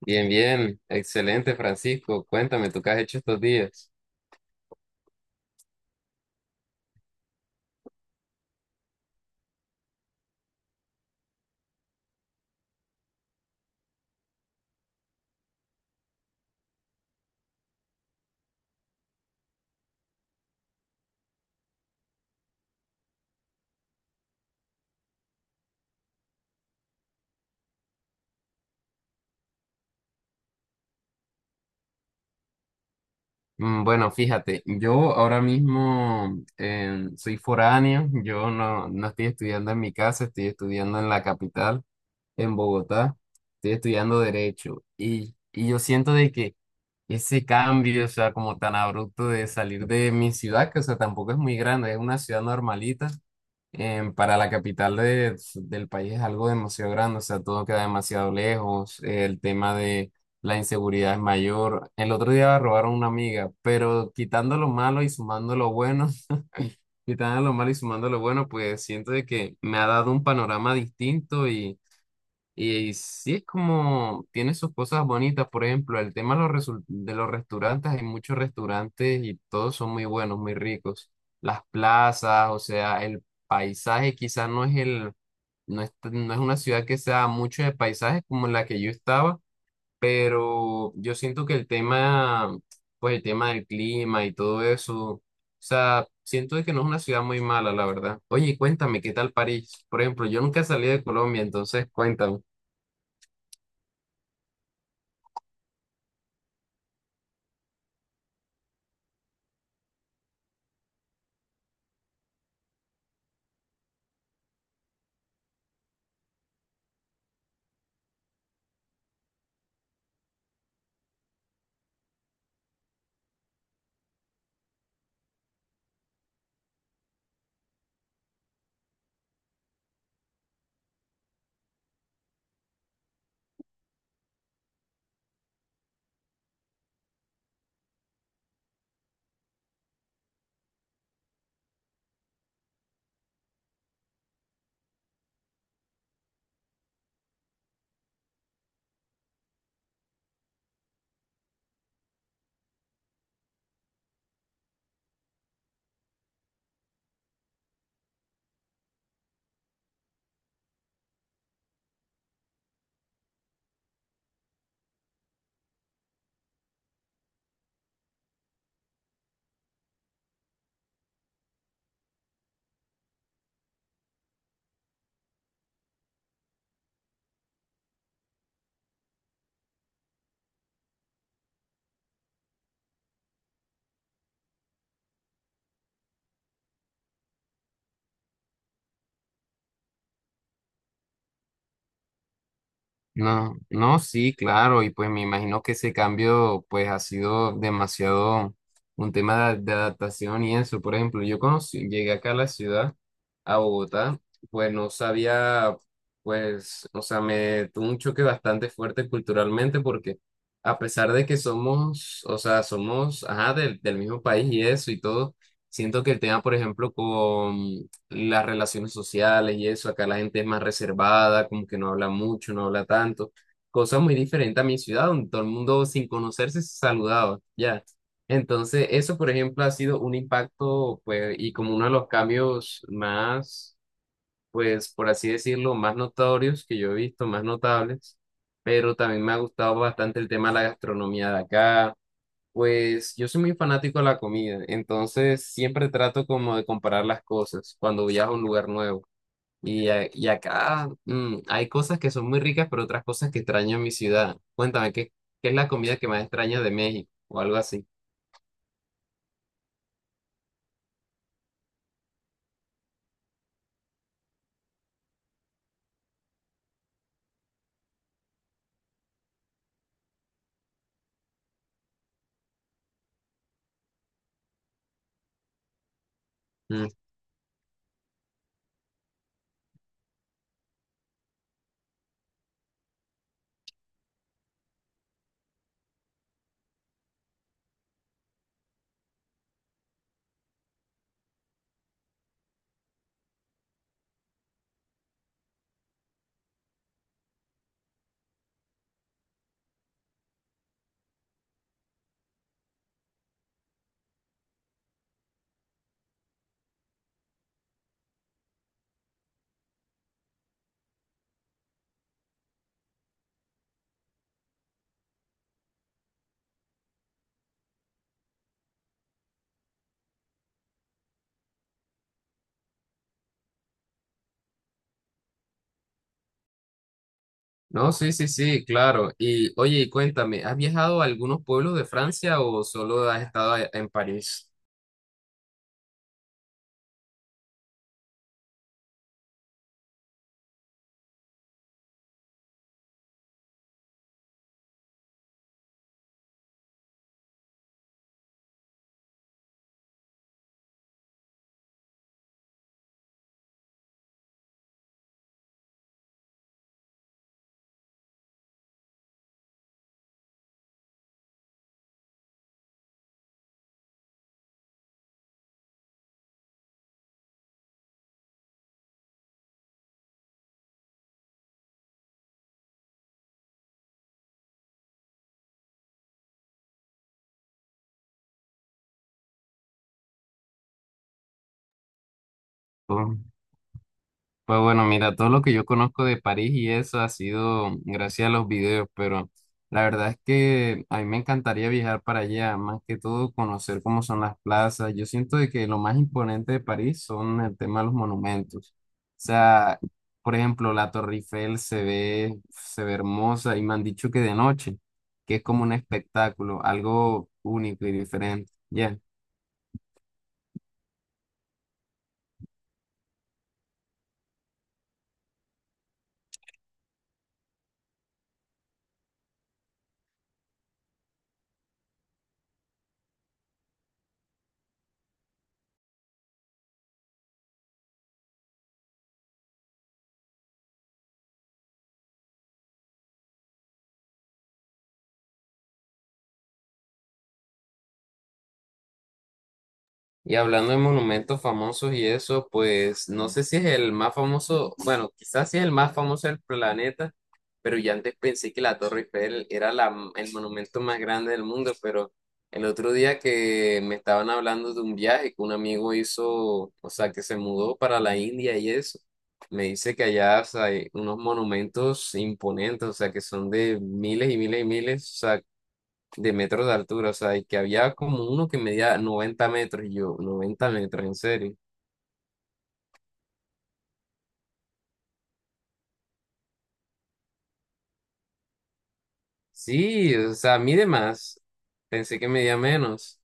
Bien, bien, excelente Francisco, cuéntame, ¿tú qué has hecho estos días? Mm. Bueno, fíjate, yo ahora mismo soy foráneo, yo no, no estoy estudiando en mi casa, estoy estudiando en la capital, en Bogotá, estoy estudiando Derecho y yo siento de que ese cambio, o sea, como tan abrupto de salir de mi ciudad, que, o sea, tampoco es muy grande, es una ciudad normalita para la capital del país es algo demasiado grande, o sea, todo queda demasiado lejos, el tema de la inseguridad es mayor. El otro día robaron una amiga, pero quitando lo malo y sumando lo bueno, quitando lo malo y sumando lo bueno, pues siento de que me ha dado un panorama distinto y sí es como, tiene sus cosas bonitas, por ejemplo, el tema de los, de los restaurantes, hay muchos restaurantes y todos son muy buenos, muy ricos. Las plazas, o sea, el paisaje quizás no es, no es una ciudad que sea mucho de paisajes como la que yo estaba, pero yo siento que pues el tema del clima y todo eso, o sea, siento de que no es una ciudad muy mala, la verdad. Oye, cuéntame, ¿qué tal París? Por ejemplo, yo nunca salí de Colombia, entonces cuéntame. No, no, sí, claro, y pues me imagino que ese cambio pues ha sido demasiado un tema de adaptación y eso. Por ejemplo, yo conocí, llegué acá a la ciudad, a Bogotá, pues no sabía, pues, o sea, me tuvo un choque bastante fuerte culturalmente porque a pesar de que somos, o sea, somos, ajá, del mismo país y eso y todo, siento que el tema, por ejemplo, las relaciones sociales y eso. Acá la gente es más reservada, como que no habla mucho, no habla tanto. Cosa muy diferente a mi ciudad, donde todo el mundo sin conocerse se saludaba, ya. Entonces, eso, por ejemplo, ha sido un impacto, pues, y como uno de los cambios más, pues, por así decirlo, más notorios que yo he visto, más notables. Pero también me ha gustado bastante el tema de la gastronomía de acá, pues yo soy muy fanático de la comida, entonces siempre trato como de comparar las cosas cuando viajo a un lugar nuevo. Y acá hay cosas que son muy ricas, pero otras cosas que extraño en mi ciudad. Cuéntame, ¿qué es la comida que más extrañas de México o algo así? Mm. No, sí, sí, sí, claro. Y oye, y cuéntame, ¿has viajado a algunos pueblos de Francia o solo has estado en París? Pues bueno, mira, todo lo que yo conozco de París y eso ha sido gracias a los videos, pero la verdad es que a mí me encantaría viajar para allá, más que todo conocer cómo son las plazas. Yo siento de que lo más imponente de París son el tema de los monumentos. O sea, por ejemplo, la Torre Eiffel se ve hermosa y me han dicho que de noche, que es como un espectáculo, algo único y diferente. Ya. Y hablando de monumentos famosos y eso, pues no sé si es el más famoso, bueno, quizás sí es el más famoso del planeta, pero yo antes pensé que la Torre Eiffel era la, el monumento más grande del mundo, pero el otro día que me estaban hablando de un viaje que un amigo hizo, o sea, que se mudó para la India y eso, me dice que allá, o sea, hay unos monumentos imponentes, o sea, que son de miles y miles y miles, o sea, de metros de altura, o sea, y que había como uno que medía 90 metros, y yo, 90 metros, en serio. Sí, o sea, mide más, pensé que medía menos.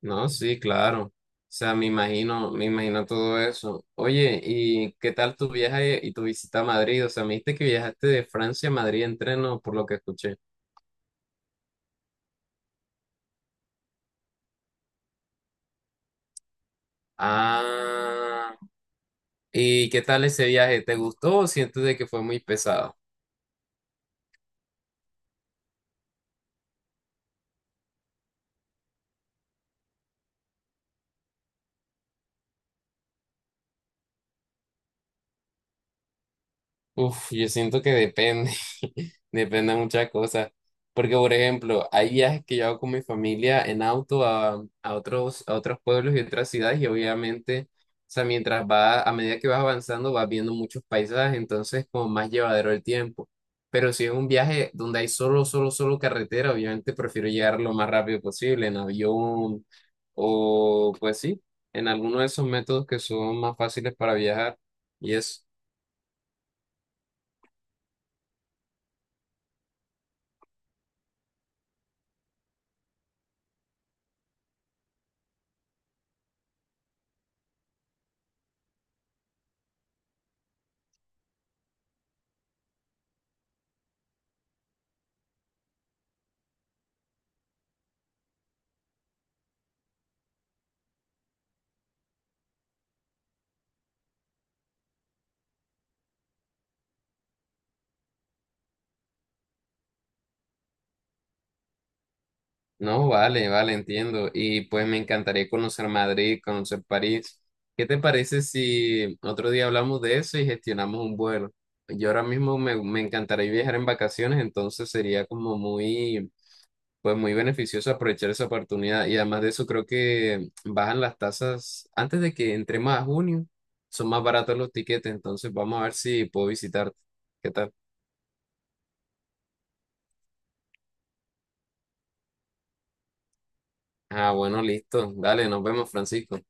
No, sí, claro. O sea, me imagino todo eso. Oye, ¿y qué tal tu viaje y tu visita a Madrid? O sea, me dijiste que viajaste de Francia a Madrid en tren, ¿no? Por lo que escuché. Ah, ¿y qué tal ese viaje? ¿Te gustó o sientes de que fue muy pesado? Uf, yo siento que depende, depende de muchas cosas. Porque, por ejemplo, hay viajes que yo hago con mi familia en auto a otros pueblos y otras ciudades y obviamente, o sea, mientras va, a medida que vas avanzando, vas viendo muchos paisajes, entonces como más llevadero el tiempo. Pero si es un viaje donde hay solo carretera, obviamente prefiero llegar lo más rápido posible, en avión o pues sí, en alguno de esos métodos que son más fáciles para viajar y eso. No, vale, vale, entiendo. Y pues me encantaría conocer Madrid, conocer París. ¿Qué te parece si otro día hablamos de eso y gestionamos un vuelo? Yo ahora mismo me encantaría viajar en vacaciones, entonces sería como muy, pues muy beneficioso aprovechar esa oportunidad. Y además de eso, creo que bajan las tasas antes de que entremos a junio, son más baratos los tiquetes, entonces vamos a ver si puedo visitarte. ¿Qué tal? Ah, bueno, listo. Dale, nos vemos, Francisco.